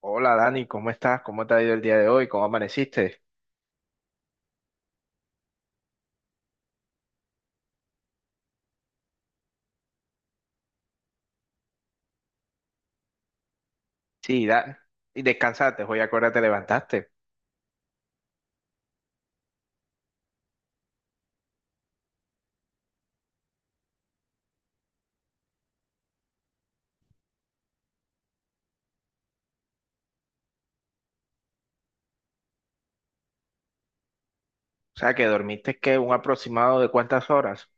Hola Dani, ¿cómo estás? ¿Cómo te ha ido el día de hoy? ¿Cómo amaneciste? Sí, y descansaste, hoy a qué hora te levantaste. O sea, que dormiste, ¿qué? ¿Un aproximado de cuántas horas?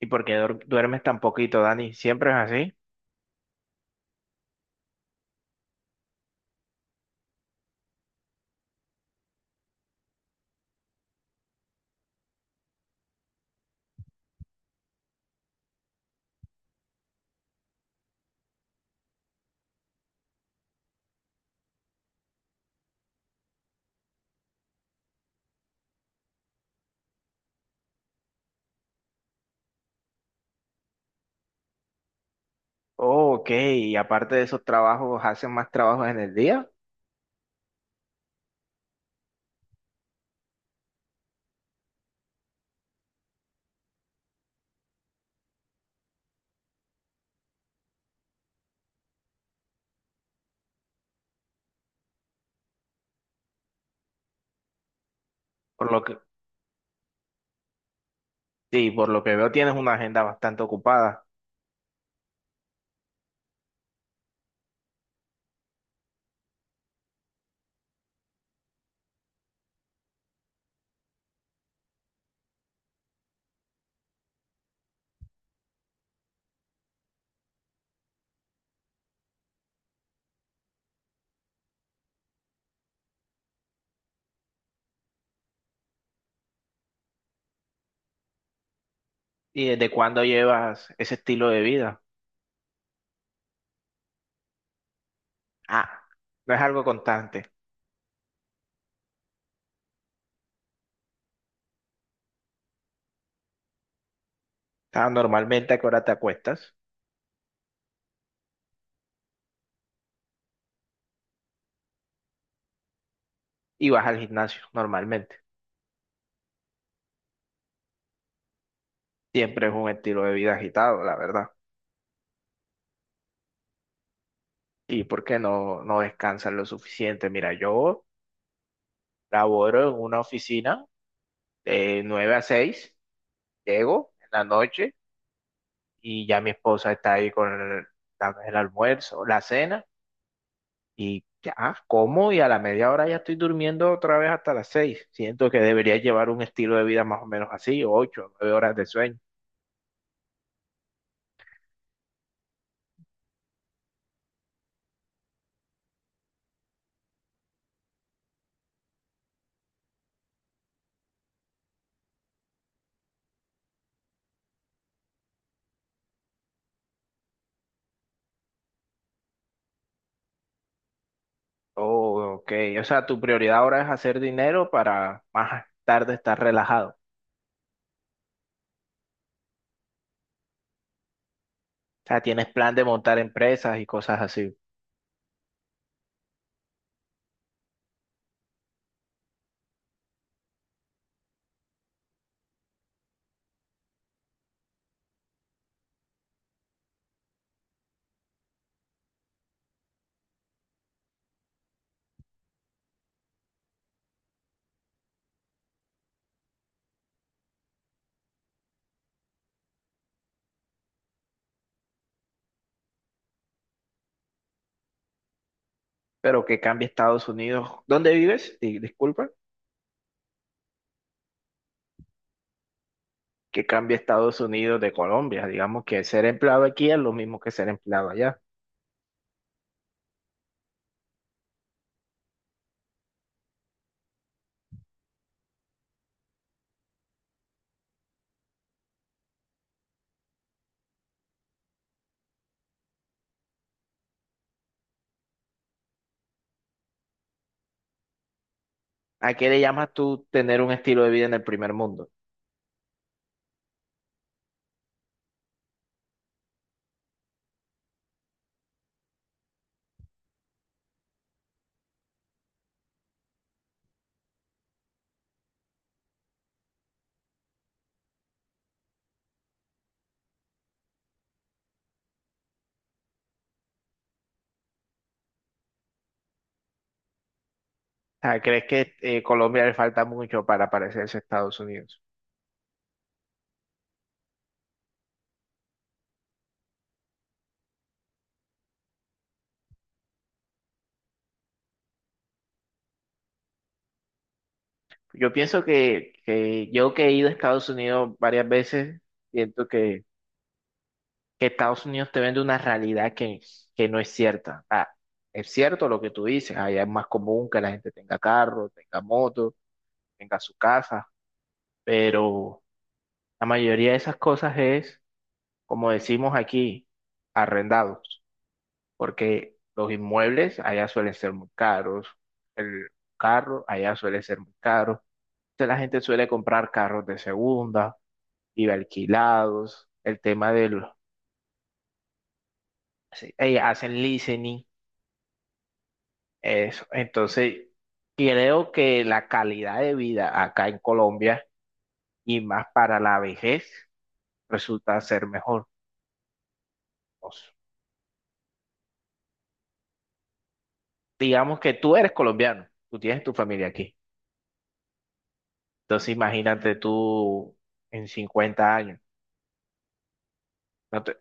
¿Y por qué duermes tan poquito, Dani? ¿Siempre es así? Oh, ok, y aparte de esos trabajos, ¿haces más trabajos en el día? Por lo que, sí, por lo que veo tienes una agenda bastante ocupada. ¿Y desde cuándo llevas ese estilo de vida? Ah, no es algo constante. Ah, normalmente, ¿a qué hora te acuestas? Y vas al gimnasio, normalmente. Siempre es un estilo de vida agitado, la verdad. ¿Y por qué no, no descansan lo suficiente? Mira, yo laboro en una oficina de 9 a 6. Llego en la noche y ya mi esposa está ahí con el almuerzo, la cena y ya como y a la media hora ya estoy durmiendo otra vez hasta las 6. Siento que debería llevar un estilo de vida más o menos así, 8 9 horas de sueño. Oh, ok. O sea, tu prioridad ahora es hacer dinero para más tarde estar relajado. O sea, tienes plan de montar empresas y cosas así. Pero que cambie Estados Unidos. ¿Dónde vives? Disculpa. Que cambie Estados Unidos de Colombia. Digamos que ser empleado aquí es lo mismo que ser empleado allá. ¿A qué le llamas tú tener un estilo de vida en el primer mundo? O sea, ¿crees que Colombia le falta mucho para parecerse a Estados Unidos? Yo pienso que yo que he ido a Estados Unidos varias veces, siento que Estados Unidos te vende una realidad que no es cierta. Ah, es cierto lo que tú dices, allá es más común que la gente tenga carro, tenga moto, tenga su casa, pero la mayoría de esas cosas es, como decimos aquí, arrendados, porque los inmuebles allá suelen ser muy caros, el carro allá suele ser muy caro, entonces la gente suele comprar carros de segunda y alquilados, el tema del... hacen leasing. Eso. Entonces, creo que la calidad de vida acá en Colombia y más para la vejez resulta ser mejor. O s- digamos que tú eres colombiano, tú tienes tu familia aquí. Entonces, imagínate tú en 50 años. ¿No te,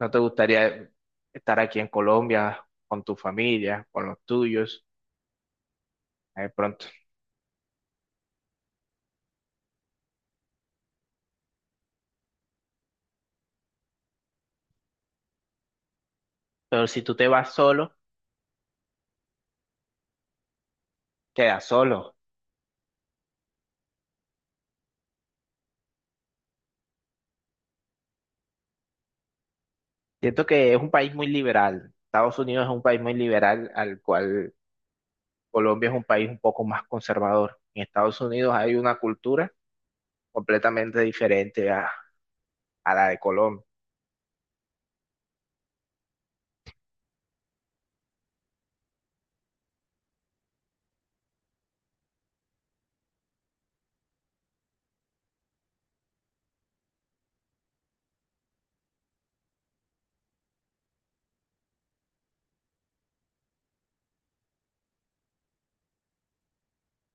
no te gustaría estar aquí en Colombia con tu familia, con los tuyos, de pronto? Pero si tú te vas solo, quedas solo. Siento que es un país muy liberal. Estados Unidos es un país muy liberal al cual Colombia es un país un poco más conservador. En Estados Unidos hay una cultura completamente diferente a la de Colombia.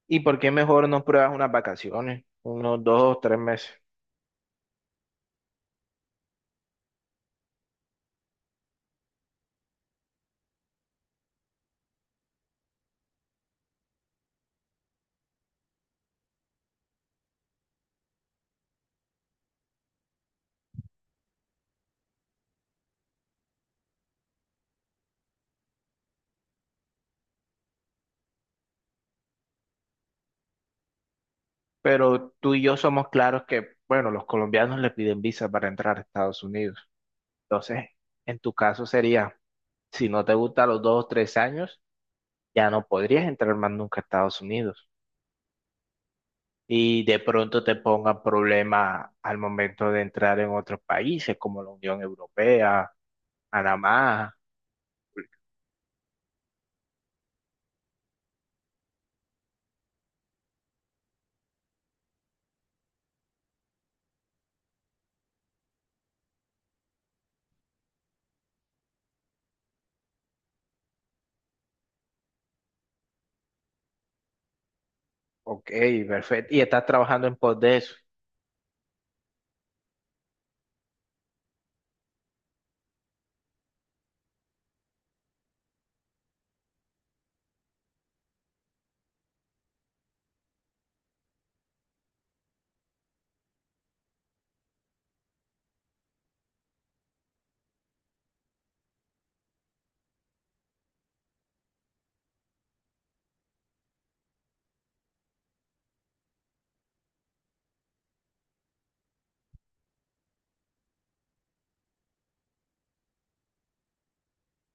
¿Y por qué mejor no pruebas unas vacaciones? Unos 2 o 3 meses. Pero tú y yo somos claros que, bueno, los colombianos le piden visa para entrar a Estados Unidos. Entonces, en tu caso sería, si no te gusta los 2 o 3 años, ya no podrías entrar más nunca a Estados Unidos. Y de pronto te pongan problema al momento de entrar en otros países como la Unión Europea Panamá, ok, perfecto. Y estás trabajando en pos de eso.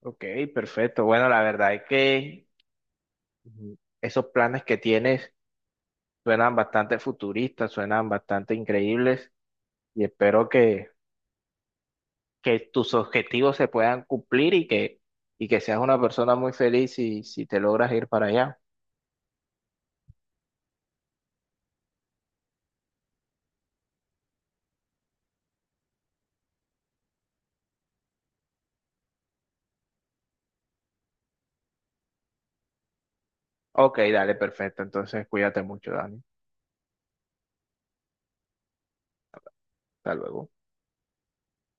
Ok, perfecto. Bueno, la verdad es que ujú, esos planes que tienes suenan bastante futuristas, suenan bastante increíbles y espero que, tus objetivos se puedan cumplir y que, seas una persona muy feliz si, si te logras ir para allá. Ok, dale, perfecto. Entonces, cuídate mucho, Dani. Hasta luego.